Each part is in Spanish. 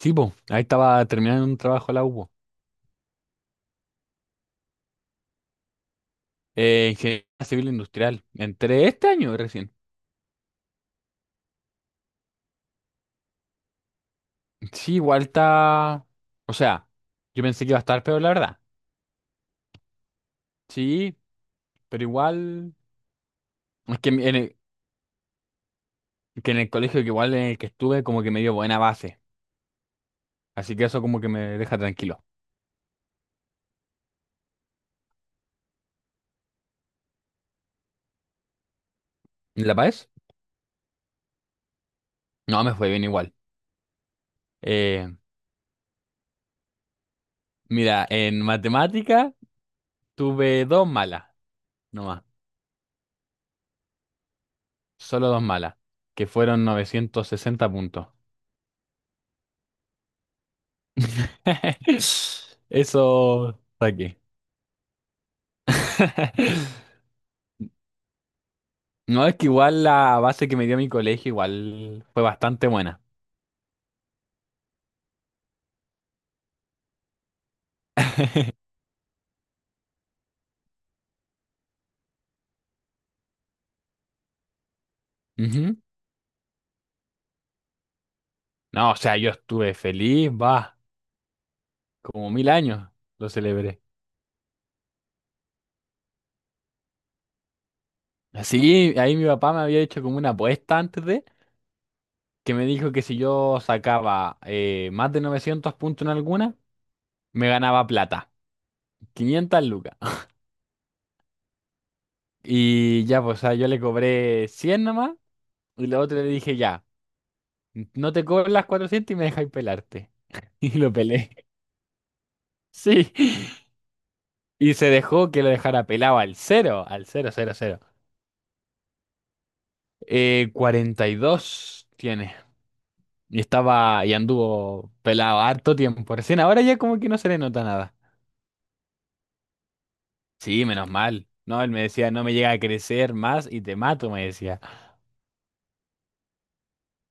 Sí, po, ahí estaba terminando un trabajo la UBO. Ingeniería civil industrial. Entré este año recién. Sí, igual está. O sea, yo pensé que iba a estar peor, la verdad. Sí, pero igual. Es que que en el colegio, que igual en el que estuve, como que me dio buena base. Así que eso, como que me deja tranquilo. ¿En La Paz? No, me fue bien igual. Eh, Mira, en matemática tuve dos malas, nomás. Solo dos malas, que fueron 960 puntos. Eso saqué. No, es que igual la base que me dio mi colegio igual fue bastante buena. Ujú. No, o sea, yo estuve feliz, va, como mil años lo celebré. Así, ahí mi papá me había hecho como una apuesta antes de, que me dijo que si yo sacaba más de 900 puntos en alguna, me ganaba plata, 500 lucas. Y ya, pues, o sea, yo le cobré 100 nomás, y la otra le dije ya. No te cobro las 400 y me dejáis pelarte. Y lo pelé. Sí. Y se dejó que lo dejara pelado al cero, cero, cero. 42 tiene. Y anduvo pelado harto tiempo. Recién ahora ya como que no se le nota nada. Sí, menos mal. No, él me decía, no me llega a crecer más y te mato, me decía.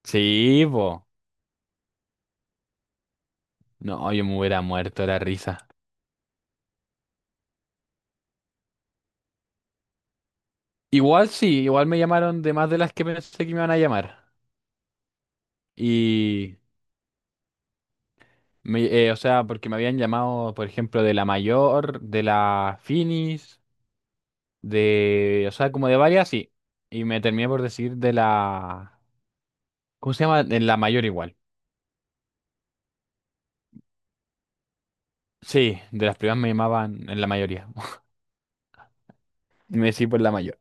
Sí, po. No, yo me hubiera muerto de la risa. Igual sí, igual me llamaron de más de las que pensé que me iban a llamar. Y o sea, porque me habían llamado, por ejemplo, de la Mayor, de la Finis, o sea, como de varias, sí. Y me terminé por decir de la, ¿cómo se llama? De la Mayor igual. Sí, de las primas me llamaban en la mayoría. Me decí por la Mayor.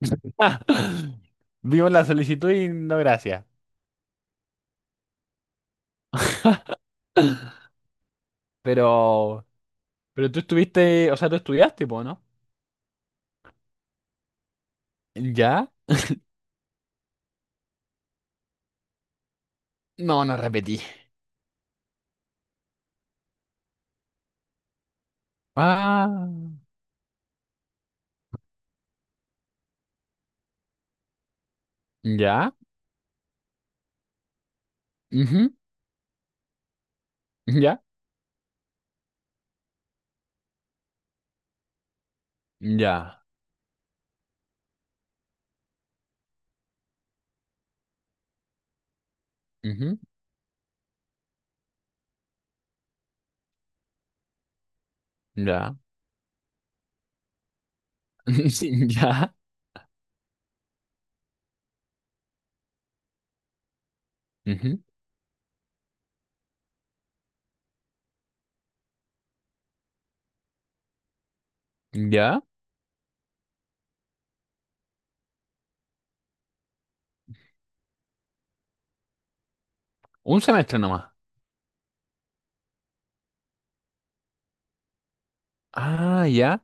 Vimos la solicitud y no gracias. Pero, pero tú estuviste, o sea, tú estudiaste, po, ¿no? ¿Ya? No, no repetí. Ah, ya, ujú, ya, ya, ujú, ya. Ya, ujú, ya, un semestre nomás. Ah, ya,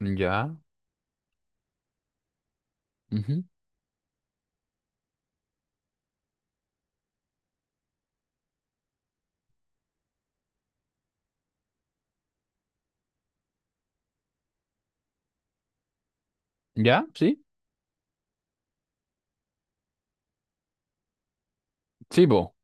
ya, ujú, ya, sí, sí, po.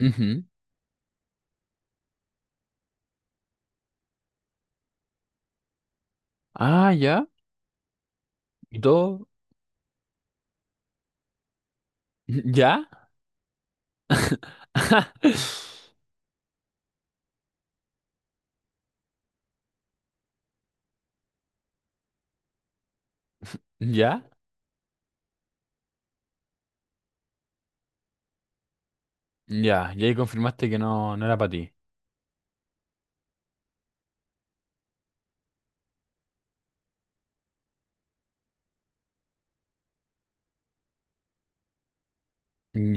Ujú. Ah, ya, y todo, ya, ya, ya, y ahí confirmaste que no, no era para ti.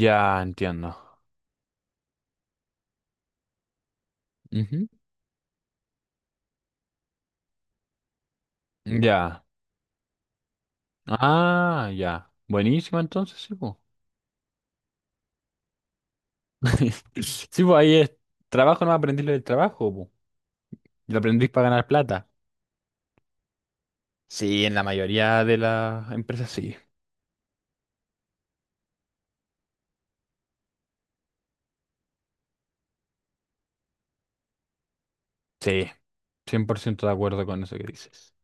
Ya, entiendo. Ujú, ya, ah, ya, buenísimo entonces, sí, po. Sí, pues ahí es trabajo, no aprendí lo del trabajo, po. Lo aprendís para ganar plata. Sí, en la mayoría de las empresas sí. Sí, 100% de acuerdo con eso que dices.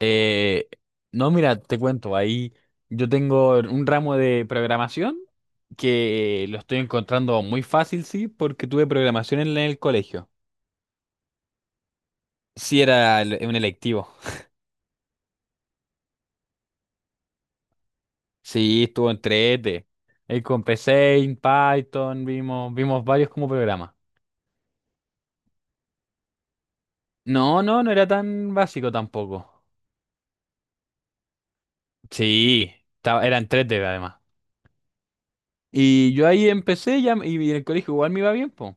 Eh, no, mira, te cuento, ahí yo tengo un ramo de programación que lo estoy encontrando muy fácil, sí, porque tuve programación en el colegio. Sí, era un electivo. Sí, estuvo entre ETE. Ahí con PC, en Python, vimos varios como programa. No, no, no era tan básico tampoco. Sí, era en 3D además. Y yo ahí empecé ya, y en el colegio igual me iba bien, pues.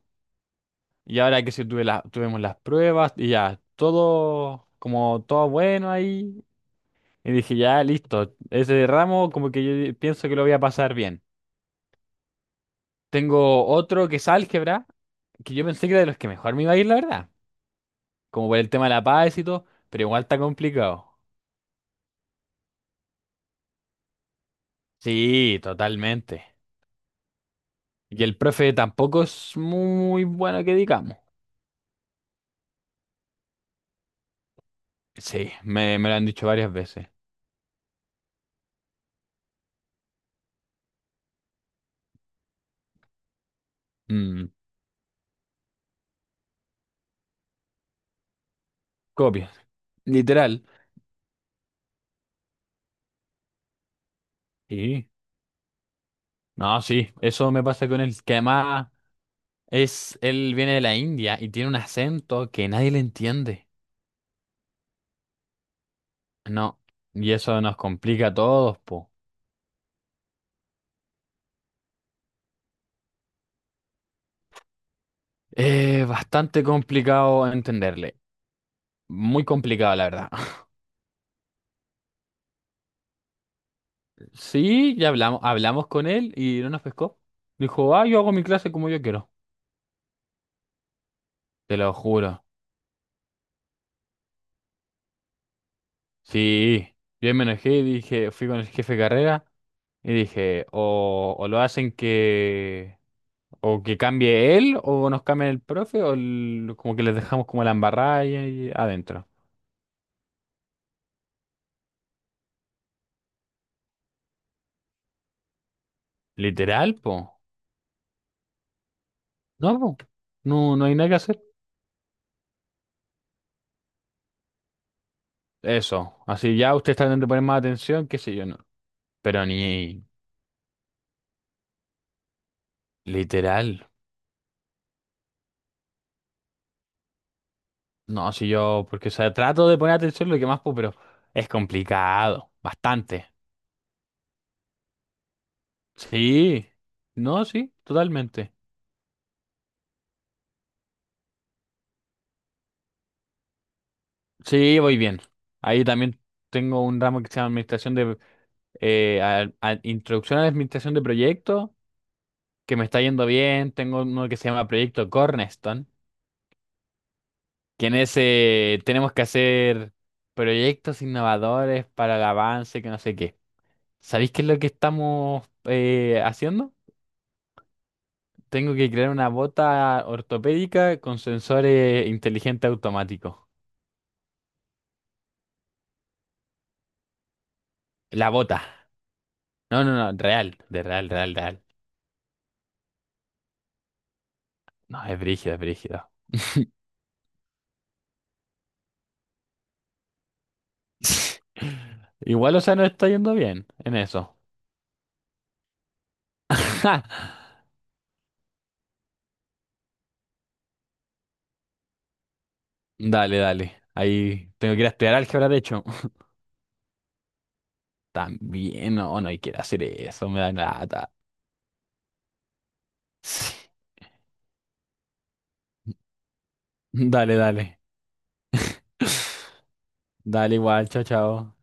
Y ahora que si tuvimos las pruebas y ya, todo como todo bueno ahí. Y dije, ya, listo. Ese ramo como que yo pienso que lo voy a pasar bien. Tengo otro que es álgebra, que yo pensé que era de los que mejor me iba a ir, la verdad. Como por el tema de la paz y todo, pero igual está complicado. Sí, totalmente. Y el profe tampoco es muy bueno que digamos. Sí, me lo han dicho varias veces. Mm, copias, literal. Y no, sí, eso me pasa con él. Que además. Él viene de la India y tiene un acento que nadie le entiende. No, y eso nos complica a todos, po. Es bastante complicado entenderle. Muy complicado, la verdad. Sí, ya hablamos con él y no nos pescó. Dijo, ah, yo hago mi clase como yo quiero. Te lo juro. Sí, yo me enojé y dije, fui con el jefe de carrera y dije, o lo hacen que o que cambie él, o nos cambie el profe, como que les dejamos como la embarrada ahí adentro. Literal, po. No, po. No, no hay nada que hacer. Eso. Así ya ustedes tratan de poner más atención, qué sé yo, no. Pero ni literal. No, si yo, porque o sea, trato de poner atención lo que más puedo, pero es complicado. Bastante. Sí. No, sí, totalmente. Sí, voy bien. Ahí también tengo un ramo que se llama Administración Introducción a la Administración de Proyectos. Que me está yendo bien. Tengo uno que se llama Proyecto Cornerstone, que en ese tenemos que hacer proyectos innovadores para el avance, que no sé qué. ¿Sabéis qué es lo que estamos haciendo? Tengo que crear una bota ortopédica con sensores inteligentes automáticos. La bota. No, no, no, real, de real, real, real. No, es brígido, es brígido. Igual, o sea, nos está yendo bien en eso. Dale, dale. Ahí tengo que ir a estudiar álgebra, de hecho. También, no, no hay que hacer eso, me da nada. Dale, dale. Dale igual, chao, chao.